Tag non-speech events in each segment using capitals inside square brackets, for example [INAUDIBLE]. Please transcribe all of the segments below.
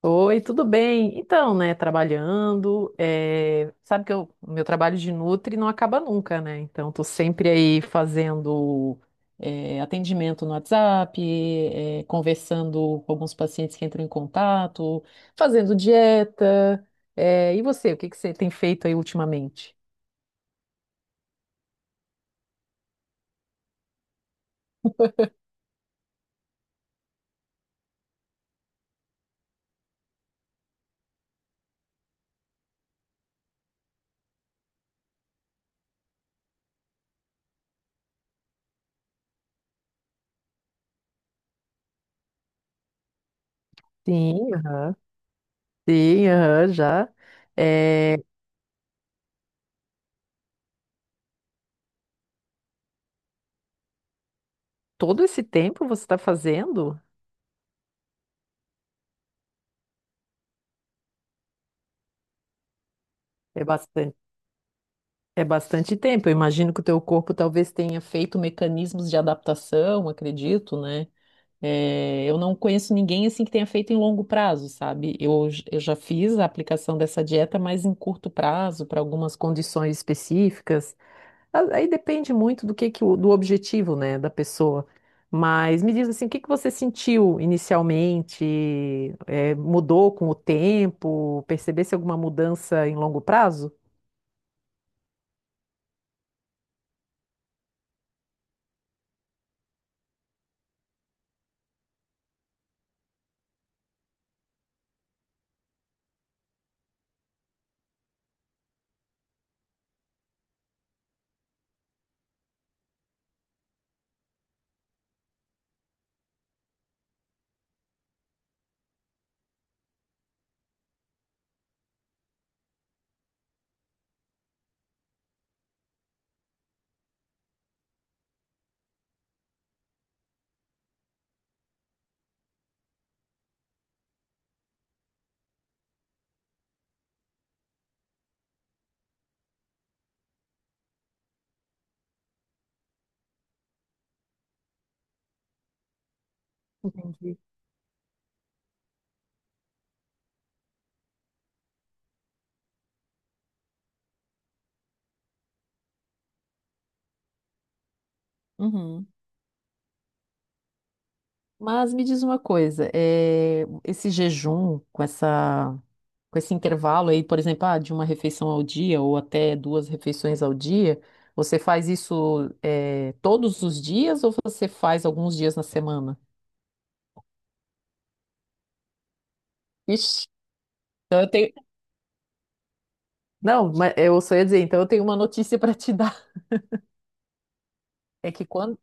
Oi, tudo bem? Então, né, trabalhando, sabe que o meu trabalho de nutri não acaba nunca, né? Então, tô sempre aí fazendo atendimento no WhatsApp, conversando com alguns pacientes que entram em contato, fazendo dieta. E você, o que que você tem feito aí ultimamente? Sim, aham. Sim, aham, já. Eh, todo esse tempo você está fazendo? É bastante. É bastante tempo. Eu imagino que o teu corpo talvez tenha feito mecanismos de adaptação, acredito, né? É, eu não conheço ninguém assim que tenha feito em longo prazo, sabe? Eu já fiz a aplicação dessa dieta, mas em curto prazo, para algumas condições específicas. Aí depende muito do que o- do objetivo, né, da pessoa. Mas me diz assim, o que que você sentiu inicialmente? É, mudou com o tempo? Percebesse alguma mudança em longo prazo? Entendi. Uhum. Mas me diz uma coisa, esse jejum com com esse intervalo aí, por exemplo, ah, de uma refeição ao dia ou até duas refeições ao dia, você faz isso, todos os dias ou você faz alguns dias na semana? Ixi, então eu tenho. Não, mas eu só ia dizer, então eu tenho uma notícia para te [LAUGHS] dar. É que quando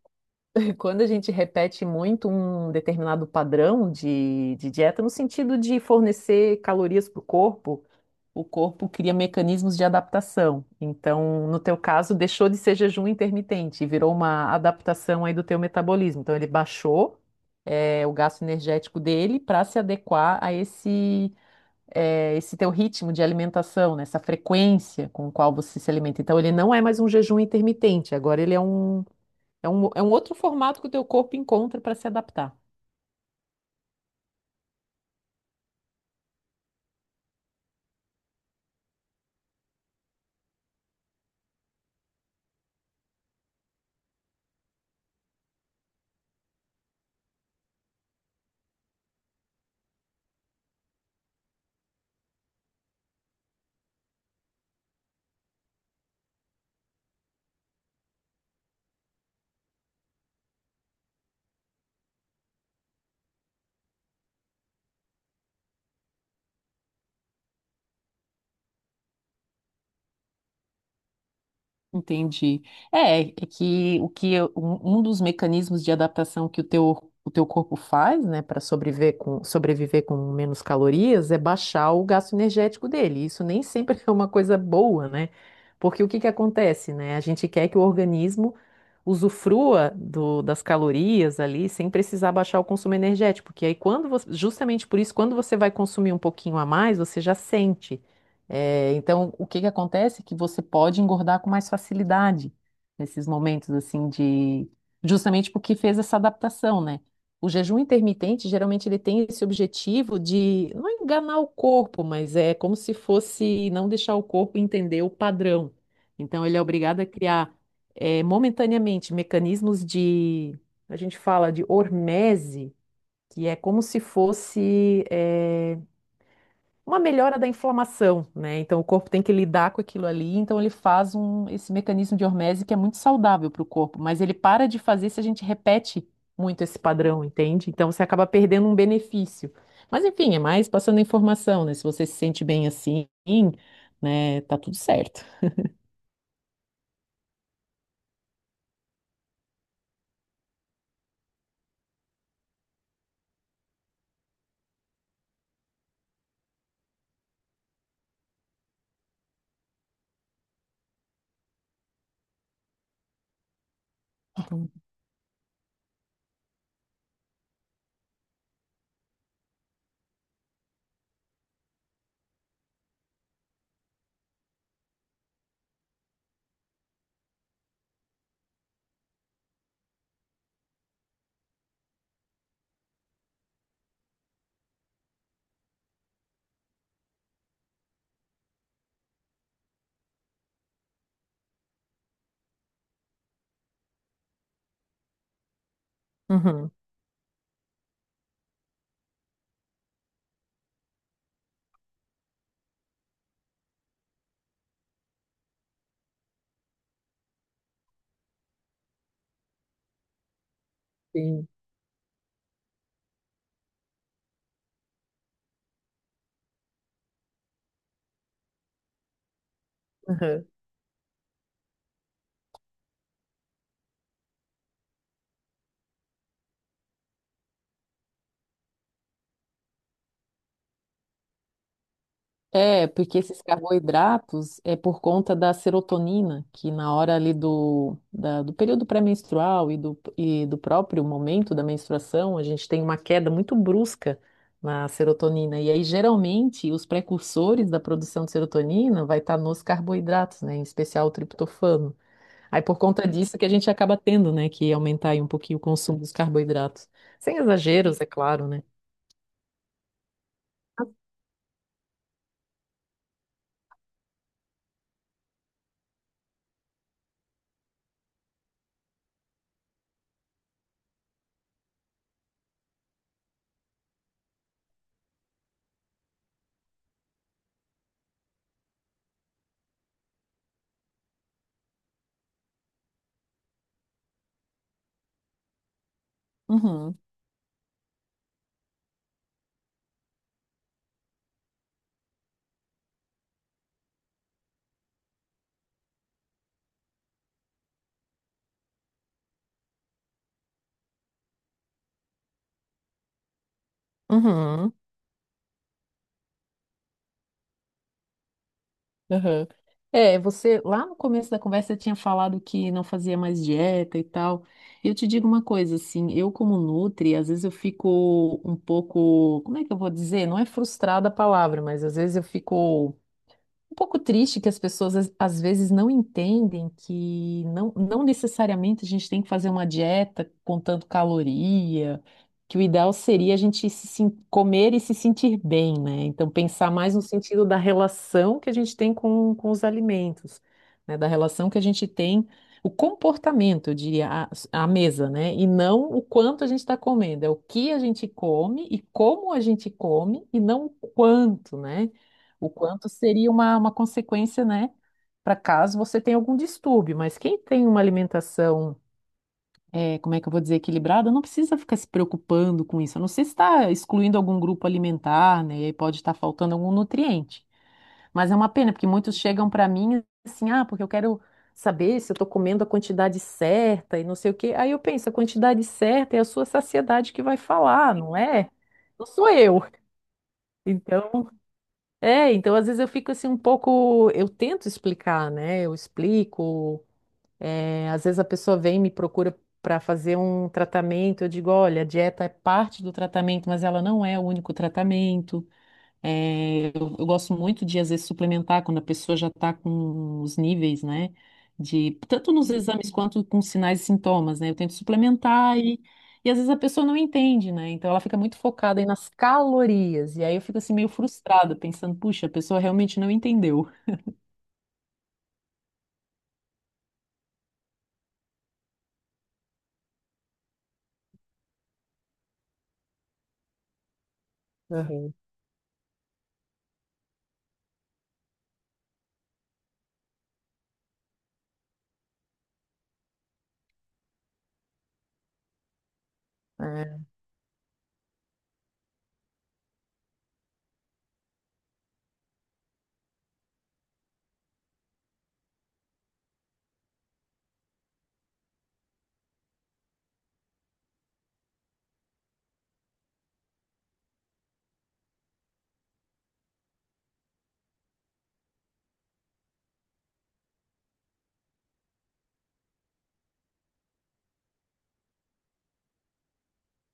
Quando a gente repete muito um determinado padrão de dieta, no sentido de fornecer calorias para o corpo cria mecanismos de adaptação. Então, no teu caso, deixou de ser jejum intermitente e virou uma adaptação aí do teu metabolismo. Então, ele baixou, é, o gasto energético dele para se adequar a é, esse teu ritmo de alimentação, né? Essa frequência com a qual você se alimenta. Então, ele não é mais um jejum intermitente, agora ele é é um outro formato que o teu corpo encontra para se adaptar. Entendi. É que um dos mecanismos de adaptação que o teu corpo faz, né, para sobreviver com menos calorias é baixar o gasto energético dele. Isso nem sempre [LAUGHS] é uma coisa boa, né? Porque o que que acontece, né? A gente quer que o organismo usufrua das calorias ali sem precisar baixar o consumo energético, porque aí quando você, justamente por isso, quando você vai consumir um pouquinho a mais, você já sente. É, então, o que que acontece é que você pode engordar com mais facilidade nesses momentos assim de justamente porque fez essa adaptação, né? O jejum intermitente geralmente ele tem esse objetivo de não enganar o corpo, mas é como se fosse não deixar o corpo entender o padrão. Então, ele é obrigado a criar é, momentaneamente mecanismos de, a gente fala de hormese, que é como se fosse é, uma melhora da inflamação, né? Então o corpo tem que lidar com aquilo ali, então ele faz esse mecanismo de hormese que é muito saudável para o corpo, mas ele para de fazer se a gente repete muito esse padrão, entende? Então você acaba perdendo um benefício. Mas enfim, é mais passando a informação, né? Se você se sente bem assim, né, tá tudo certo. Uhum, sim. É, porque esses carboidratos é por conta da serotonina, que na hora ali do período pré-menstrual e do próprio momento da menstruação, a gente tem uma queda muito brusca na serotonina. E aí, geralmente, os precursores da produção de serotonina vai estar nos carboidratos, né? Em especial o triptofano. Aí, por conta disso que a gente acaba tendo, né, que aumentar aí um pouquinho o consumo dos carboidratos. Sem exageros, é claro, né? Uhum, uhum. Aham. É, você lá no começo da conversa você tinha falado que não fazia mais dieta e tal. E eu te digo uma coisa, assim, eu como nutri, às vezes eu fico um pouco, como é que eu vou dizer? Não é frustrada a palavra, mas às vezes eu fico um pouco triste que as pessoas às vezes não entendem que não, não necessariamente a gente tem que fazer uma dieta contando caloria, que o ideal seria a gente se, sen- comer e se sentir bem, né? Então pensar mais no sentido da relação que a gente tem com os alimentos, né? Da relação que a gente tem, o comportamento, eu diria, a mesa, né? E não o quanto a gente está comendo, é o que a gente come e como a gente come e não o quanto, né? O quanto seria uma consequência, né, para caso você tenha algum distúrbio. Mas quem tem uma alimentação, é, como é que eu vou dizer, equilibrada, não precisa ficar se preocupando com isso. A não ser se está excluindo algum grupo alimentar, né, e aí pode estar faltando algum nutriente. Mas é uma pena, porque muitos chegam para mim assim, ah, porque eu quero saber se eu estou comendo a quantidade certa e não sei o quê. Aí eu penso, a quantidade certa é a sua saciedade que vai falar, não é? Não sou eu. Então, é, então às vezes eu fico assim um pouco, eu tento explicar, né? Eu explico. Às vezes a pessoa vem e me procura para fazer um tratamento. Eu digo, olha, a dieta é parte do tratamento, mas ela não é o único tratamento. É, eu gosto muito de, às vezes, suplementar quando a pessoa já está com os níveis, né? De, tanto nos exames quanto com sinais e sintomas, né? Eu tento suplementar e às vezes a pessoa não entende, né? Então ela fica muito focada aí nas calorias. E aí eu fico assim meio frustrada, pensando, puxa, a pessoa realmente não entendeu. Uhum. É.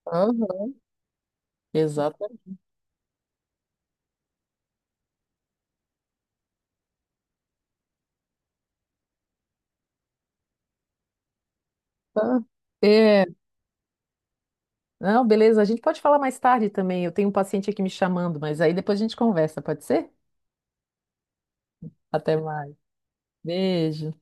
Aham. Exato. Tá. É. Não, beleza, a gente pode falar mais tarde também. Eu tenho um paciente aqui me chamando, mas aí depois a gente conversa, pode ser? Até mais. Beijo.